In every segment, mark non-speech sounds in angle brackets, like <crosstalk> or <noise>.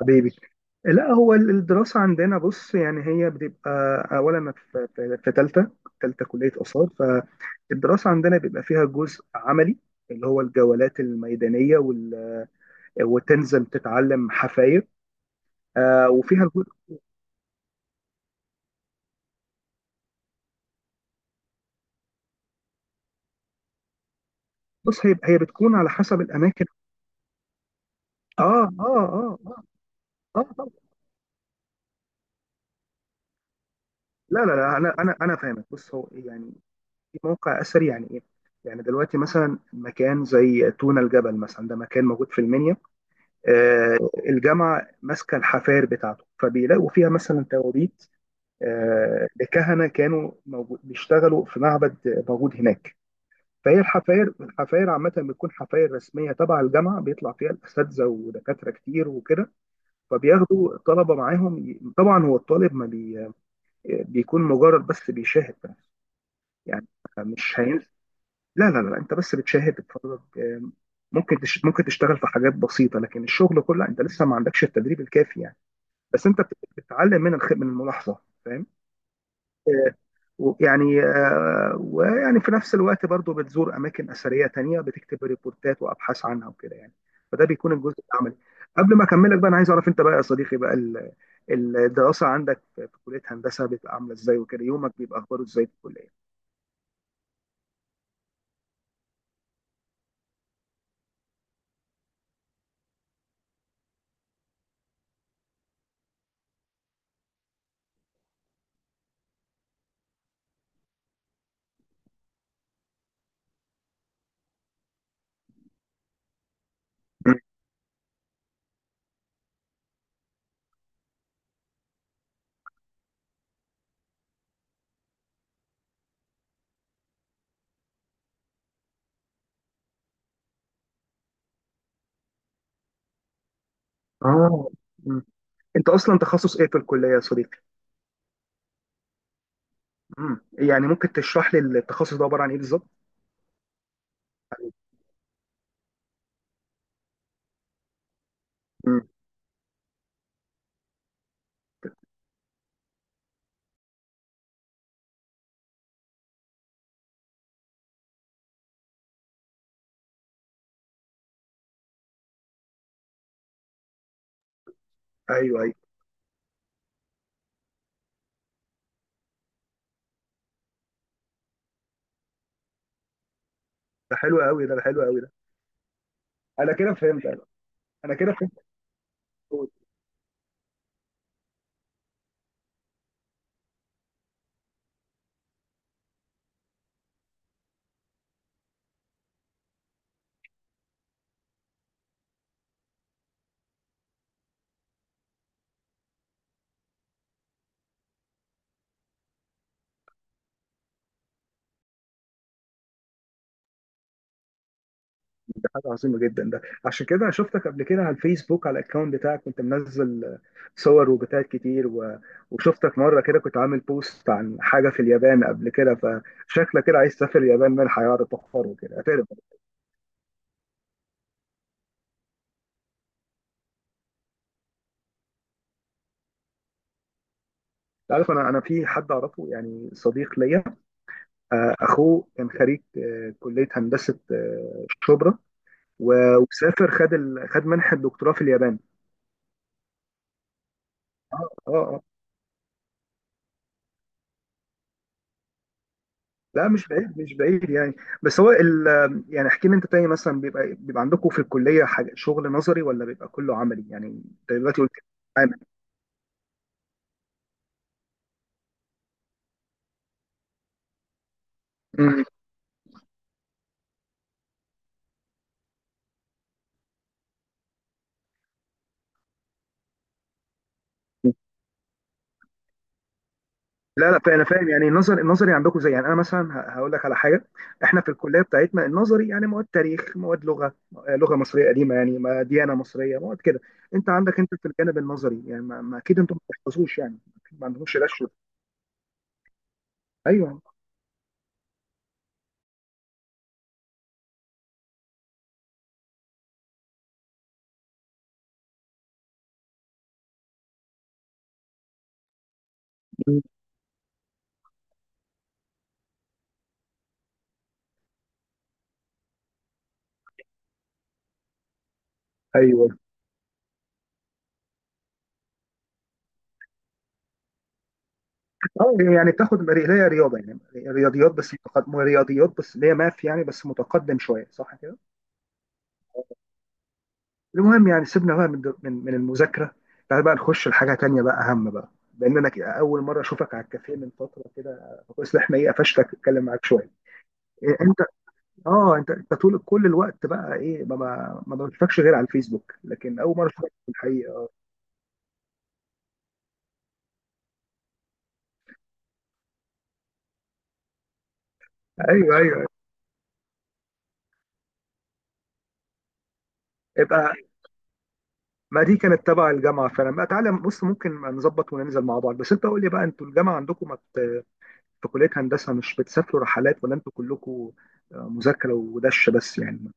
حبيبي، لا هو الدراسة عندنا، بص يعني هي بتبقى أولا أنا في تالتة، تالتة كلية آثار. فالدراسة عندنا بيبقى فيها جزء عملي اللي هو الجولات الميدانية وتنزل تتعلم حفاير. وفيها جزء. بص هي بتكون على حسب الأماكن. آه آه آه آه, آه طبعا. لا لا لا، أنا فاهمك. بص هو إيه، يعني في موقع أثري يعني إيه؟ يعني دلوقتي مثلا مكان زي تونا الجبل مثلا، ده مكان موجود في المنيا. آه، الجامعة ماسكة الحفاير بتاعته، فبيلاقوا فيها مثلا توابيت، لكهنة كانوا موجود بيشتغلوا في معبد موجود هناك. فهي الحفاير، عامة بتكون حفاير رسمية تبع الجامعة بيطلع فيها الأساتذة ودكاترة كتير وكده. فبياخدوا الطلبة معاهم طبعا هو الطالب ما بي... بيكون مجرد بس بيشاهد بس يعني. مش هينسى. لا لا لا، أنت بس بتشاهد بتتفرج. آه، ممكن ممكن تشتغل في حاجات بسيطة، لكن الشغل كله أنت لسه ما عندكش التدريب الكافي يعني. بس انت بتتعلم من من الملاحظه، فاهم. آه، ويعني آه، ويعني في نفس الوقت برضو بتزور اماكن اثريه تانية، بتكتب ريبورتات وابحاث عنها وكده يعني. فده بيكون الجزء العملي. قبل ما اكملك بقى، انا عايز اعرف انت بقى يا صديقي بقى، الدراسه عندك في كليه هندسه بتبقى عامله ازاي وكده، يومك بيبقى اخباره ازاي في الكليه؟ مم. اه. مم. انت اصلا تخصص ايه في الكليه يا صديقي؟ مم. يعني ممكن تشرح لي التخصص ده عباره عن ايه بالظبط؟ مم. ايوه ايوه. ده حلو قوي ده، ده حلو قوي ده. انا كده فهمت انا. أنا كده فهمت ده. حاجة عظيمة جدا ده. عشان كده أنا شفتك قبل كده على الفيسبوك على الأكونت بتاعك، كنت منزل صور وبتاعت كتير و... وشفتك مرة كده كنت عامل بوست عن حاجة في اليابان قبل كده، فشكلك كده عايز تسافر اليابان من الحياة تحفر وكده، اعترف أنت. عارف، أنا في حد أعرفه يعني، صديق ليا، آه، أخوه كان خريج آه، كلية هندسة آه، شبرا، وسافر، خد خد منحة دكتوراه في اليابان. اه، اه آه. لا مش بعيد، مش بعيد يعني. بس هو ال، يعني احكي لي انت تاني، مثلا بيبقى عندكم في الكليه حاجة شغل نظري، ولا بيبقى كله عملي؟ يعني انت دلوقتي قلت عملي. مم. لا لا انا فاهم يعني، النظري عندكم زي يعني، انا مثلا هقول لك على حاجه. احنا في الكليه بتاعتنا النظري يعني مواد تاريخ، مواد لغه آه، لغه مصريه قديمه يعني، ما ديانه مصريه، مواد كده. انت عندك انت في الجانب النظري يعني، ما اكيد انتم ما بتحفظوش يعني، ما عندهمش رشوه. ايوه. مم. ايوه. اه يعني بتاخد اللي هي رياضه يعني، رياضيات بس متقدم، رياضيات بس اللي هي ماث يعني بس متقدم شويه، صح كده؟ المهم يعني سيبنا بقى من من المذاكره، تعال بقى نخش لحاجه تانية بقى اهم بقى. لان انا اول مره اشوفك على الكافيه من فتره كده، فكويس ان احنا ايه قفشتك اتكلم معاك شويه. إيه انت، اه انت انت طول كل الوقت بقى ايه، ما بشوفكش غير على الفيسبوك، لكن اول مره اشوفك في الحقيقه آه. ايوه ايوه. يبقى ما دي كانت تبع الجامعه فعلا بقى. تعالى بص، ممكن نظبط وننزل مع بعض. بس انت قول لي بقى، انتوا الجامعه عندكم ما بت- في كلية هندسة مش بتسافروا رحلات، ولا انتوا كلكم مذاكرة ودش بس يعني؟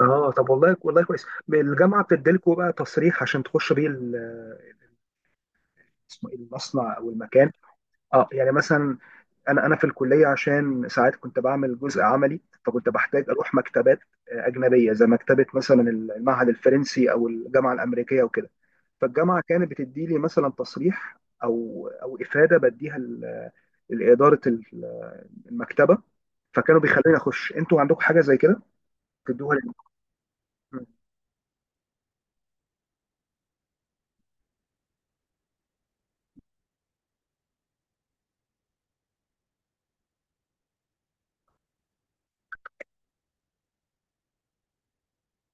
اه طب والله والله كويس. الجامعة بتديلكوا بقى تصريح عشان تخشوا بيه اسمه ايه، المصنع او المكان؟ اه يعني مثلا انا انا في الكلية، عشان ساعات كنت بعمل جزء عملي، فكنت بحتاج اروح مكتبات آه، اجنبية زي مكتبة مثلا المعهد الفرنسي او الجامعة الامريكية وكده. فالجامعة كانت بتدي لي مثلا تصريح، او افادة بديها لإدارة المكتبه، فكانوا بيخلوني اخش. انتوا عندكم حاجه زي كده تدوها لي؟ مم.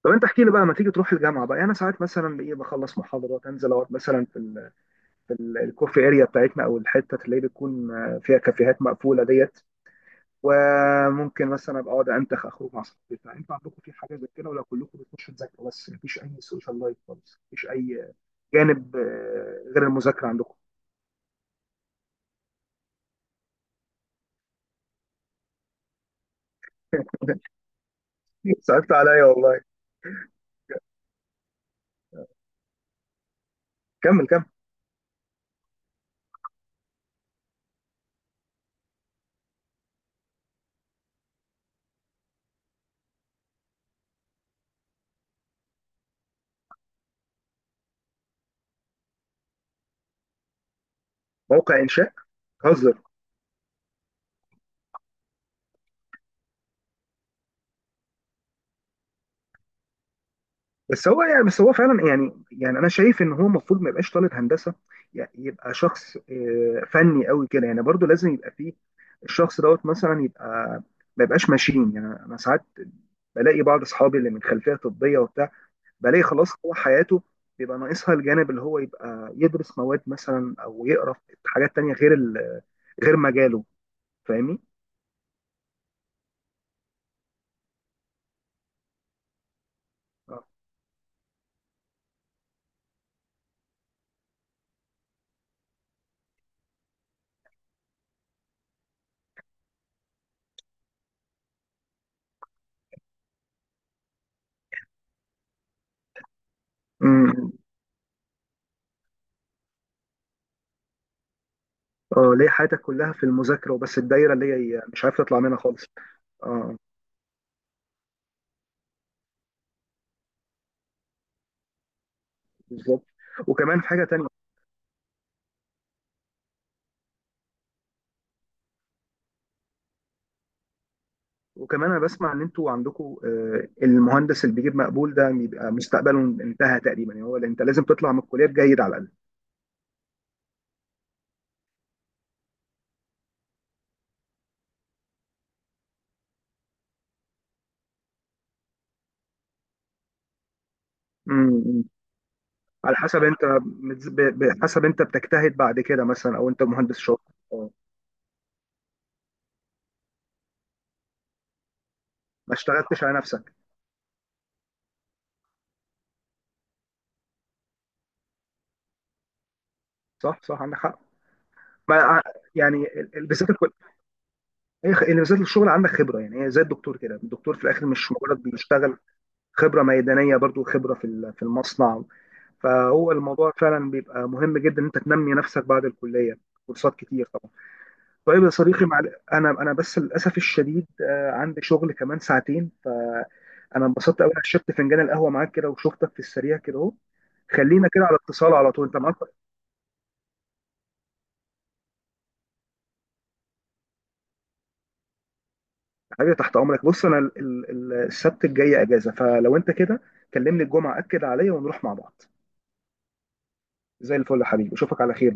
طب انت احكي لي بقى، لما تيجي تروح الجامعه بقى، يعني انا ساعات مثلا ايه، بخلص محاضرات انزل اقعد مثلا في الكوفي اريا بتاعتنا، او الحته اللي هي بتكون آه، فيها كافيهات مقفوله ديت، وممكن مثلا ابقى اقعد انتخ اخرج مع صحابي بتاع انتوا عندكم في حاجه زي كده ولا كلكم بتخشوا تذاكروا بس، مفيش اي سوشيال لايف خالص، مفيش اي جانب آه، غير المذاكره عندكم؟ <laughs> صعبت عليا والله. كمل كمل. موقع انشاء، هزر. بس هو يعني، بس هو فعلا يعني، يعني انا شايف ان هو المفروض ما يبقاش طالب هندسه يعني يبقى شخص آه، فني قوي كده يعني، برضو لازم يبقى فيه الشخص دوت مثلا، يبقى ما يبقاش ماشين يعني. انا ساعات بلاقي بعض اصحابي اللي من خلفيه طبيه وبتاع، بلاقي خلاص هو حياته بيبقى ناقصها الجانب اللي هو يبقى يدرس مواد مثلا، او يقرا في حاجات تانية غير غير مجاله، فاهمني؟ اه. أمم. آه، ليه حياتك كلها في المذاكره وبس، الدايره اللي هي مش عارف تطلع منها خالص. اه بالظبط. وكمان حاجه تانية، وكمان انا بسمع ان انتوا عندكم آه، المهندس اللي بيجيب مقبول ده بيبقى مستقبله انتهى تقريبا يعني، هو انت لازم تطلع من الكليه بجيد على الاقل. امم. على حسب انت حسب انت بتجتهد بعد كده مثلا، او انت مهندس شاطر. آه، ما اشتغلتش على نفسك. صح صح عندك حق. ما ع- يعني بالذات هي اللي بالذات الشغل عندك خبره يعني، هي زي الدكتور كده، الدكتور في الاخر مش مجرد بيشتغل، خبره ميدانيه برضو، خبره في المصنع. فهو الموضوع فعلا بيبقى مهم جدا ان انت تنمي نفسك بعد الكليه، كورسات كتير طبعا. طيب يا صديقي، انا انا بس للاسف الشديد آه، عندي شغل كمان 2 فانا. انبسطت قوي، شربت فنجان القهوه معاك كده وشفتك في السريع كده اهو. خلينا كده على اتصال على طول، انت معاك. حبيبي تحت امرك. بص انا السبت الجاي اجازه، فلو انت كده كلمني الجمعه اكد عليا ونروح مع بعض. زي الفل يا حبيبي، اشوفك على خير.